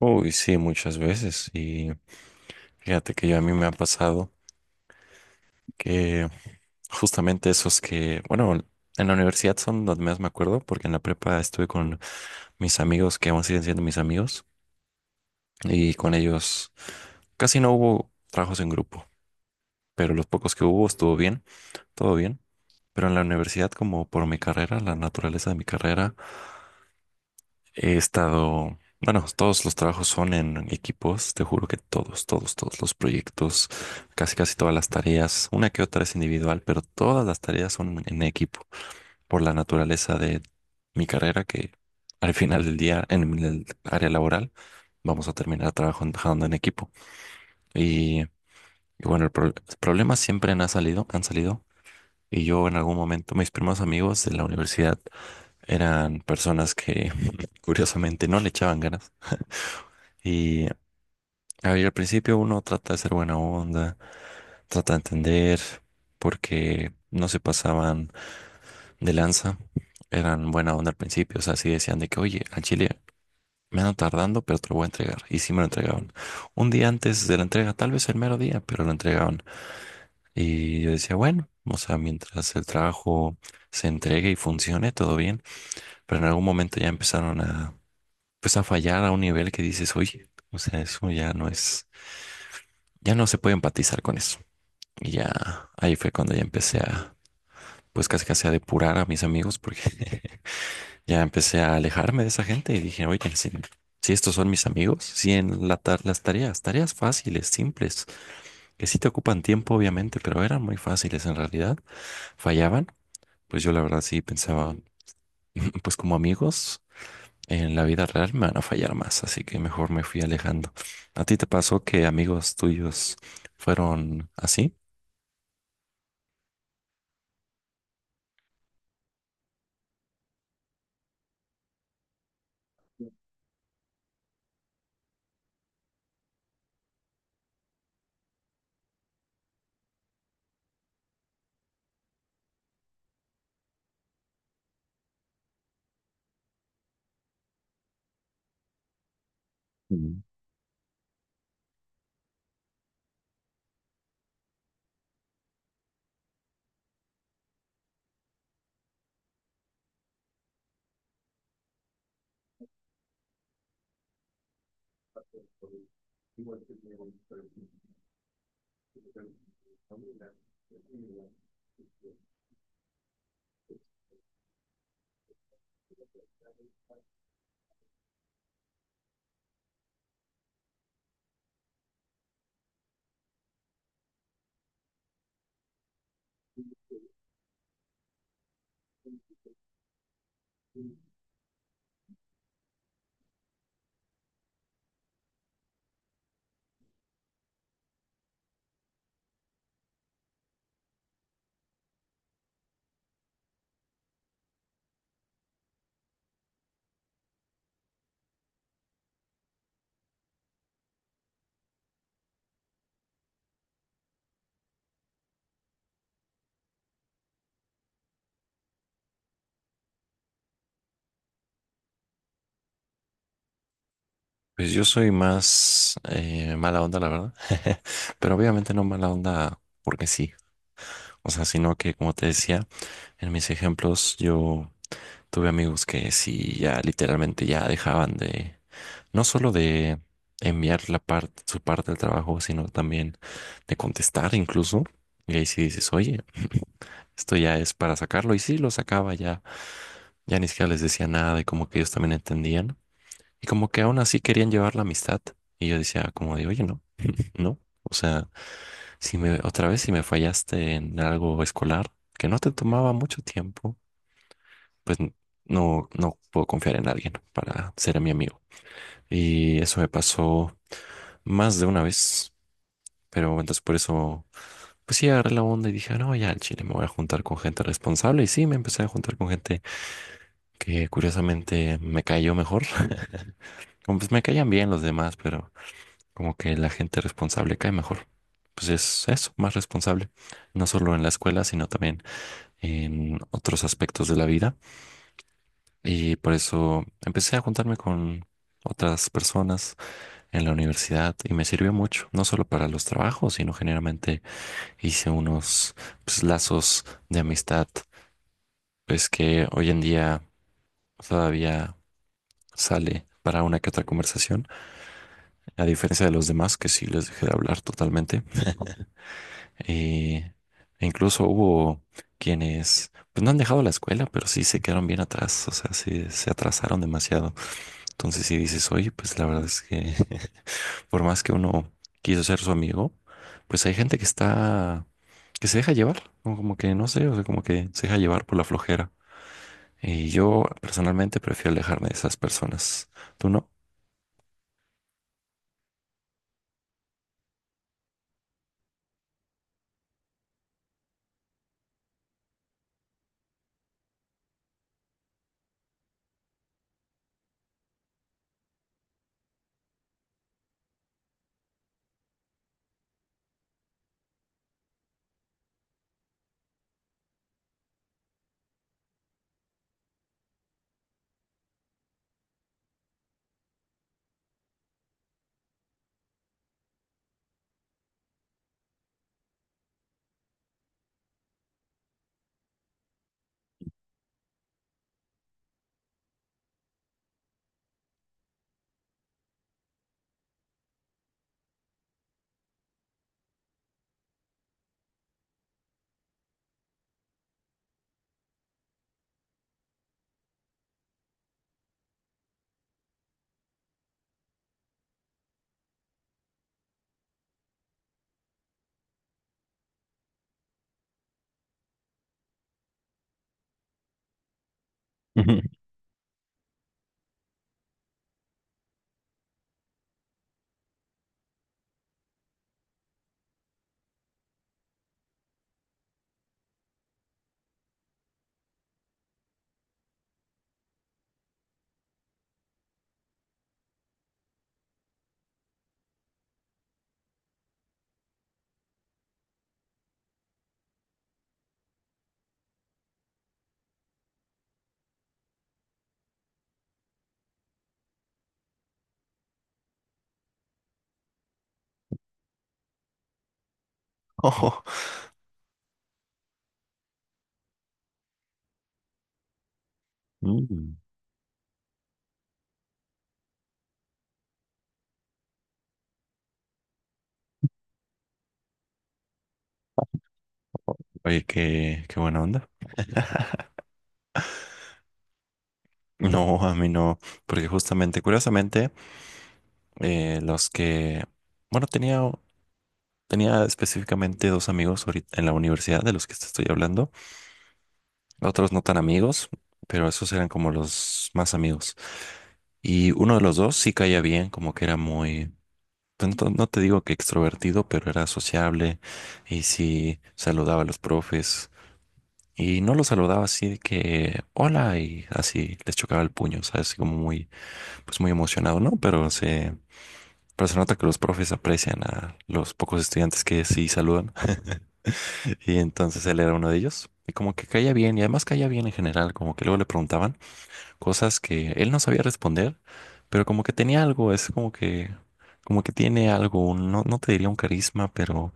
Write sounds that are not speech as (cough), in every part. Uy, sí, muchas veces. Y fíjate que yo a mí me ha pasado que justamente esos que, bueno, en la universidad son los más, me acuerdo, porque en la prepa estuve con mis amigos que aún siguen siendo mis amigos, y con ellos casi no hubo trabajos en grupo, pero los pocos que hubo estuvo bien, todo bien. Pero en la universidad, como por mi carrera, la naturaleza de mi carrera, todos los trabajos son en equipos, te juro que todos, todos, todos los proyectos, casi casi todas las tareas, una que otra es individual, pero todas las tareas son en equipo, por la naturaleza de mi carrera, que al final del día, en el área laboral, vamos a terminar trabajando en equipo. Y bueno, el problemas siempre han salido, han salido. Y yo en algún momento, mis primeros amigos de la universidad eran personas que (laughs) curiosamente no le echaban ganas. Y, a ver, al principio uno trata de ser buena onda, trata de entender, porque no se pasaban de lanza, eran buena onda al principio. O sea, sí decían de que, oye, al chile, me ando tardando, pero te lo voy a entregar. Y sí me lo entregaban. Un día antes de la entrega, tal vez el mero día, pero lo entregaban. Y yo decía, bueno, o sea, mientras el trabajo se entregue y funcione, todo bien, pero en algún momento ya empezaron a, pues, a fallar a un nivel que dices, oye, o sea, eso ya no es... ya no se puede empatizar con eso. Y ya ahí fue cuando ya empecé a, pues casi casi a depurar a mis amigos, porque (laughs) ya empecé a alejarme de esa gente y dije, oye, si estos son mis amigos, si en las tareas fáciles, simples, que sí te ocupan tiempo, obviamente, pero eran muy fáciles en realidad, fallaban, pues yo la verdad sí pensaba, (laughs) pues como amigos, en la vida real me van a fallar más, así que mejor me fui alejando. ¿A ti te pasó que amigos tuyos fueron así? Pues yo soy más mala onda, la verdad. (laughs) Pero obviamente no mala onda porque sí. O sea, sino que, como te decía, en mis ejemplos yo tuve amigos que sí ya literalmente ya dejaban de, no solo de enviar su parte del trabajo, sino también de contestar incluso. Y ahí sí dices, oye, (laughs) esto ya es para sacarlo. Y sí, lo sacaba ya. Ya ni siquiera les decía nada y como que ellos también entendían. Y como que aún así querían llevar la amistad. Y yo decía como de, oye, no. ¿No? O sea, si me, otra vez, si me fallaste en algo escolar que no te tomaba mucho tiempo, pues no, no puedo confiar en alguien para ser mi amigo. Y eso me pasó más de una vez, pero entonces por eso, pues sí, agarré la onda y dije, no, ya al chile me voy a juntar con gente responsable. Y sí, me empecé a juntar con gente que curiosamente me cayó mejor. (laughs) Como pues me caían bien los demás, pero como que la gente responsable cae mejor. Pues es eso, más responsable no solo en la escuela, sino también en otros aspectos de la vida, y por eso empecé a juntarme con otras personas en la universidad, y me sirvió mucho, no solo para los trabajos, sino generalmente hice unos, pues, lazos de amistad, pues que hoy en día todavía sale para una que otra conversación, a diferencia de los demás que sí les dejé de hablar totalmente. Eh, e incluso hubo quienes pues no han dejado la escuela, pero sí se quedaron bien atrás, o sea, sí se atrasaron demasiado. Entonces, si dices, oye, pues la verdad es que (laughs) por más que uno quiso ser su amigo, pues hay gente que está, que se deja llevar, ¿no? Como que no sé, o sea, como que se deja llevar por la flojera. Y yo personalmente prefiero alejarme de esas personas. ¿Tú no? (laughs) Ojo. Mm. Oye, qué buena onda. No, a mí no, porque justamente, curiosamente, los que, bueno, tenía específicamente dos amigos ahorita en la universidad de los que te estoy hablando, otros no tan amigos, pero esos eran como los más amigos. Y uno de los dos sí caía bien, como que era muy, pues, no, no te digo que extrovertido, pero era sociable y sí saludaba a los profes. Y no los saludaba así de que hola y así les chocaba el puño, ¿sabes? Así como muy, pues muy emocionado, ¿no? Pero se nota que los profes aprecian a los pocos estudiantes que sí saludan. (laughs) Y entonces él era uno de ellos. Y como que caía bien, y además caía bien en general, como que luego le preguntaban cosas que él no sabía responder, pero como que tenía algo, es como que tiene algo, no, no te diría un carisma,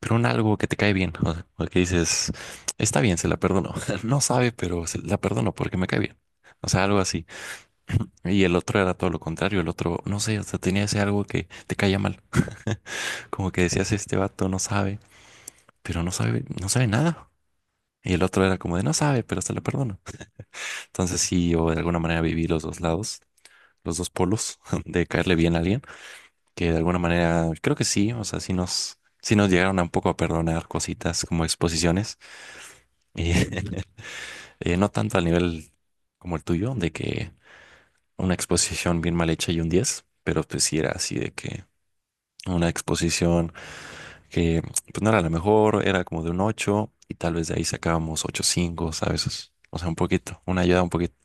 pero un algo que te cae bien, o sea, o que dices, está bien, se la perdono, (laughs) no sabe, pero se la perdono porque me cae bien. O sea, algo así. Y el otro era todo lo contrario. El otro, no sé, o sea, tenía ese algo que te caía mal. Como que decías, este vato no sabe, pero no sabe, no sabe nada. Y el otro era como de no sabe, pero se la perdono. Entonces sí, o de alguna manera viví los dos lados, los dos polos (laughs) de caerle bien a alguien, que de alguna manera creo que sí. O sea, sí nos llegaron a un poco a perdonar cositas como exposiciones, y, (laughs) no tanto al nivel como el tuyo, de que una exposición bien mal hecha y un 10, pero pues sí era así de que una exposición que pues no era la mejor, era como de un 8 y tal vez de ahí sacábamos 8.5, ¿sabes? O sea, un poquito, una ayuda un poquito.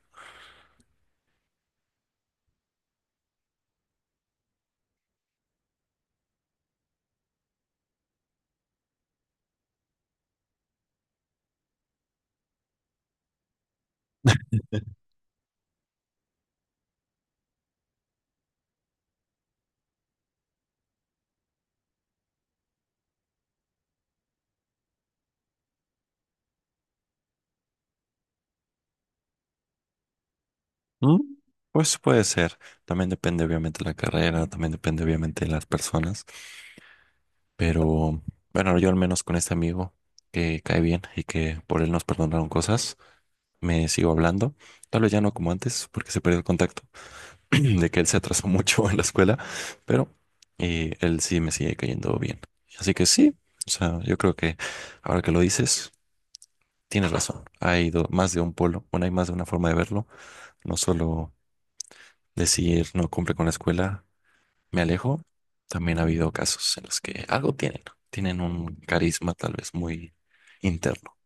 Mm, pues puede ser. También depende obviamente de la carrera, también depende obviamente de las personas. Pero bueno, yo al menos con este amigo que cae bien y que por él nos perdonaron cosas, me sigo hablando. Tal vez ya no como antes, porque se perdió el contacto (clears throat) de que él se atrasó mucho en la escuela, pero él sí me sigue cayendo bien. Así que sí, o sea, yo creo que ahora que lo dices, tienes razón. Hay más de un polo, bueno, hay más de una forma de verlo. No solo decir no cumple con la escuela, me alejo. También ha habido casos en los que algo tienen, ¿no? Tienen un carisma tal vez muy interno.